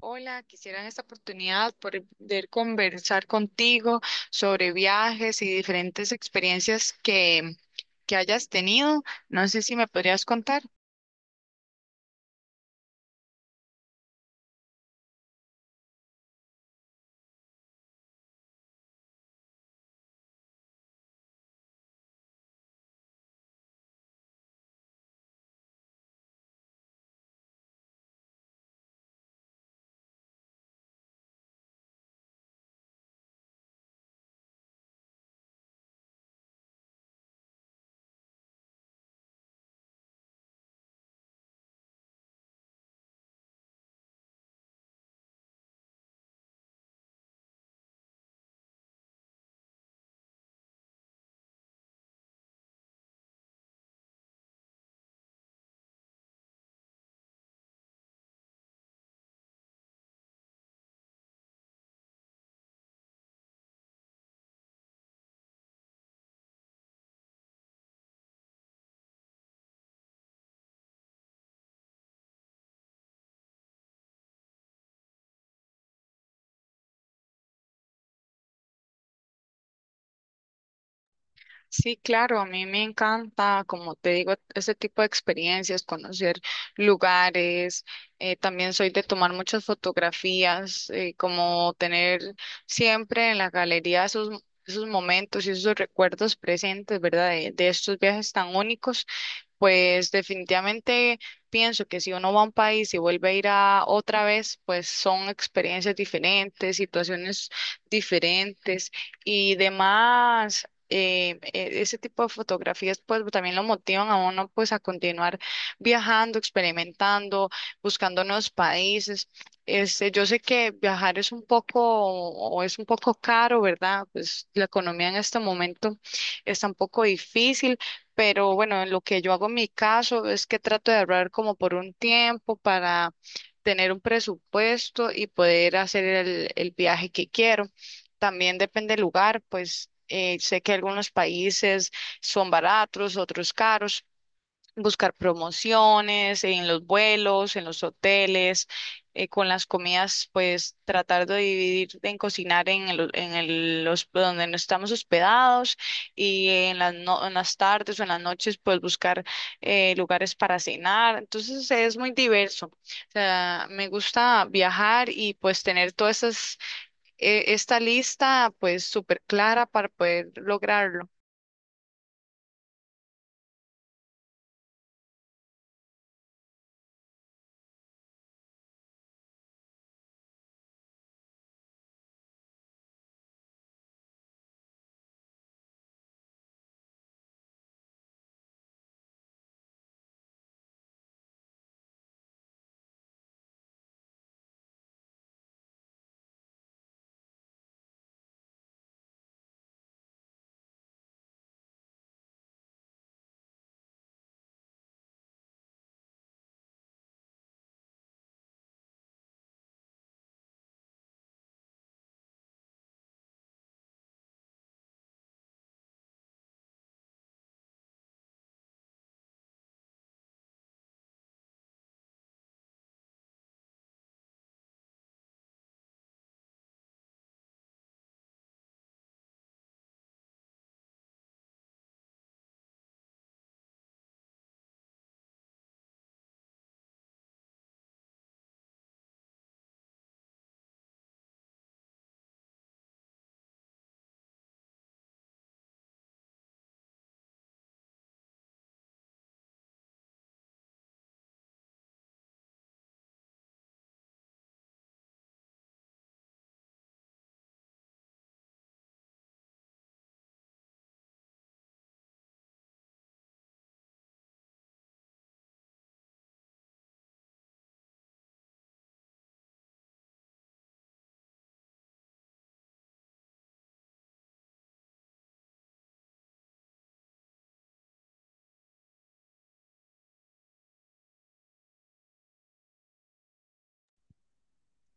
Hola, quisiera en esta oportunidad poder conversar contigo sobre viajes y diferentes experiencias que hayas tenido. No sé si me podrías contar. Sí, claro, a mí me encanta, como te digo, ese tipo de experiencias, conocer lugares. También soy de tomar muchas fotografías, como tener siempre en la galería esos momentos y esos recuerdos presentes, ¿verdad? De estos viajes tan únicos. Pues definitivamente pienso que si uno va a un país y vuelve a ir a otra vez, pues son experiencias diferentes, situaciones diferentes y demás. Ese tipo de fotografías pues también lo motivan a uno pues a continuar viajando, experimentando, buscando nuevos países. Este, yo sé que viajar es un poco o es un poco caro, ¿verdad? Pues la economía en este momento está un poco difícil, pero bueno, en lo que yo hago en mi caso es que trato de ahorrar como por un tiempo para tener un presupuesto y poder hacer el viaje que quiero. También depende del lugar, pues sé que algunos países son baratos, otros caros. Buscar promociones en los vuelos, en los hoteles, con las comidas, pues tratar de dividir en cocinar en donde no estamos hospedados y en las, no- en las tardes o en las noches, pues buscar lugares para cenar. Entonces es muy diverso. O sea, me gusta viajar y pues tener todas esas, esta lista pues súper clara para poder lograrlo.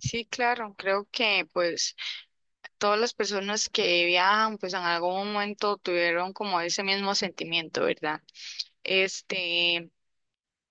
Sí, claro, creo que pues todas las personas que viajan pues en algún momento tuvieron como ese mismo sentimiento, ¿verdad? Este,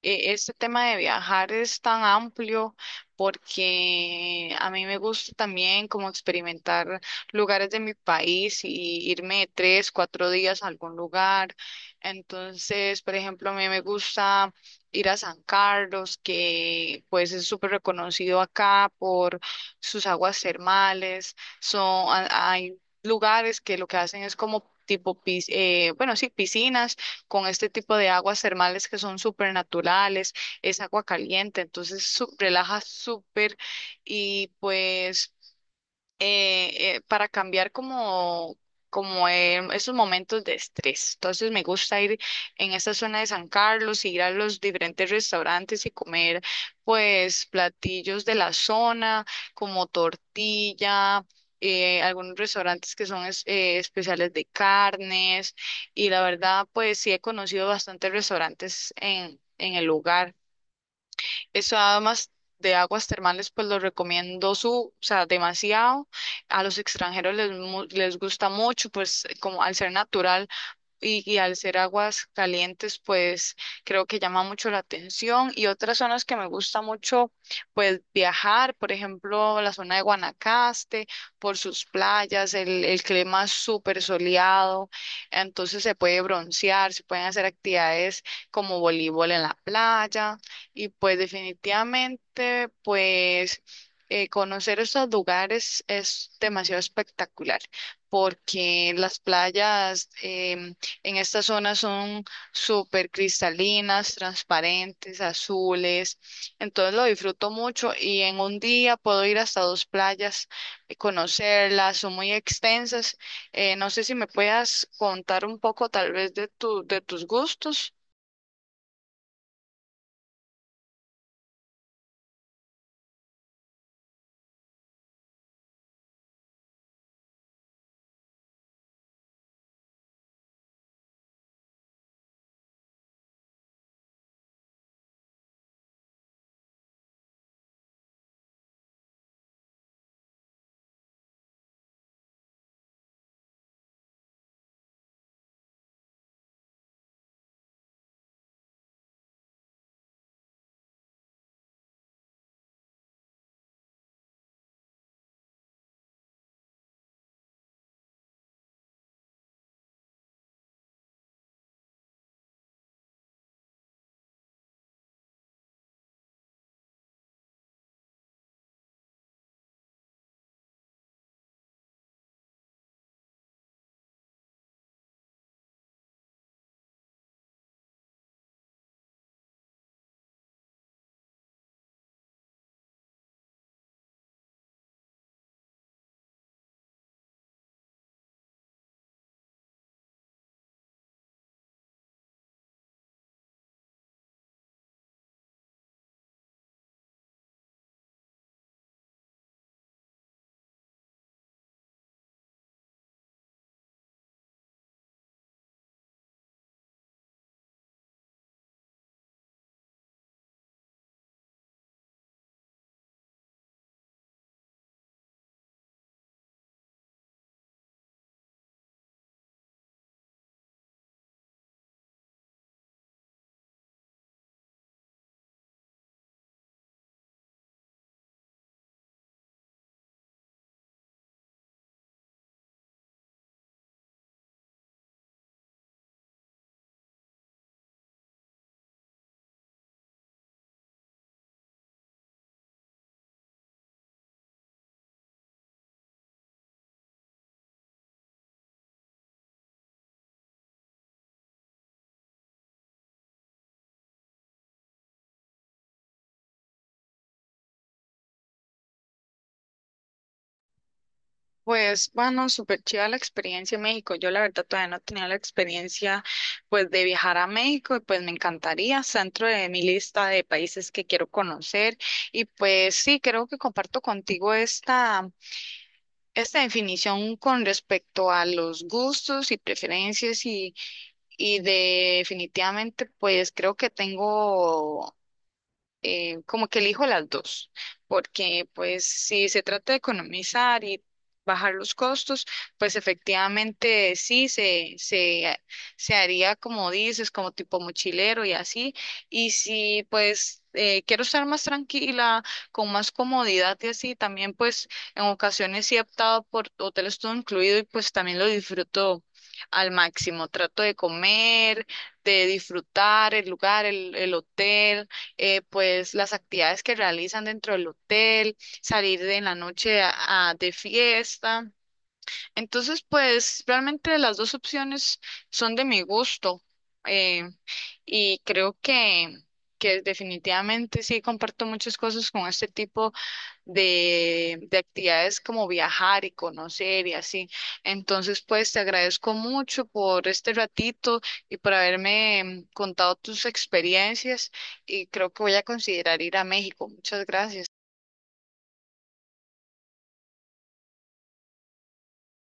este tema de viajar es tan amplio porque a mí me gusta también como experimentar lugares de mi país y irme tres, cuatro días a algún lugar. Entonces, por ejemplo, a mí me gusta ir a San Carlos, que pues es súper reconocido acá por sus aguas termales. Hay lugares que lo que hacen es como tipo, bueno, sí, piscinas con este tipo de aguas termales que son súper naturales, es agua caliente, entonces relaja súper. Y pues, para cambiar como, como esos momentos de estrés. Entonces me gusta ir en esta zona de San Carlos, ir a los diferentes restaurantes y comer pues platillos de la zona, como tortilla. Algunos restaurantes que son especiales de carnes y la verdad pues sí he conocido bastantes restaurantes en el lugar. Eso, además de aguas termales, pues lo recomiendo, su, o sea, demasiado. A los extranjeros les gusta mucho, pues como al ser natural y al ser aguas calientes, pues creo que llama mucho la atención. Y otras zonas que me gusta mucho, pues viajar, por ejemplo, la zona de Guanacaste, por sus playas, el clima es súper soleado, entonces se puede broncear, se pueden hacer actividades como voleibol en la playa y pues definitivamente, pues, conocer estos lugares es demasiado espectacular porque las playas, en esta zona, son súper cristalinas, transparentes, azules. Entonces lo disfruto mucho y en un día puedo ir hasta dos playas, conocerlas, son muy extensas. No sé si me puedas contar un poco tal vez de de tus gustos. Pues, bueno, súper chida la experiencia en México. Yo la verdad todavía no he tenido la experiencia, pues, de viajar a México y pues me encantaría, está dentro de mi lista de países que quiero conocer. Y pues sí, creo que comparto contigo esta definición con respecto a los gustos y preferencias y definitivamente, pues, creo que tengo, como que elijo las dos, porque pues si se trata de economizar y bajar los costos, pues efectivamente sí se haría como dices, como tipo mochilero y así, y si pues quiero estar más tranquila, con más comodidad y así, también pues en ocasiones sí he optado por hoteles todo incluido y pues también lo disfruto al máximo, trato de comer, de disfrutar el lugar, el hotel, pues las actividades que realizan dentro del hotel, salir de en la noche de fiesta. Entonces, pues realmente las dos opciones son de mi gusto. eh, y creo que definitivamente sí comparto muchas cosas con este tipo de actividades como viajar y conocer y así. Entonces, pues te agradezco mucho por este ratito y por haberme, contado tus experiencias y creo que voy a considerar ir a México. Muchas gracias.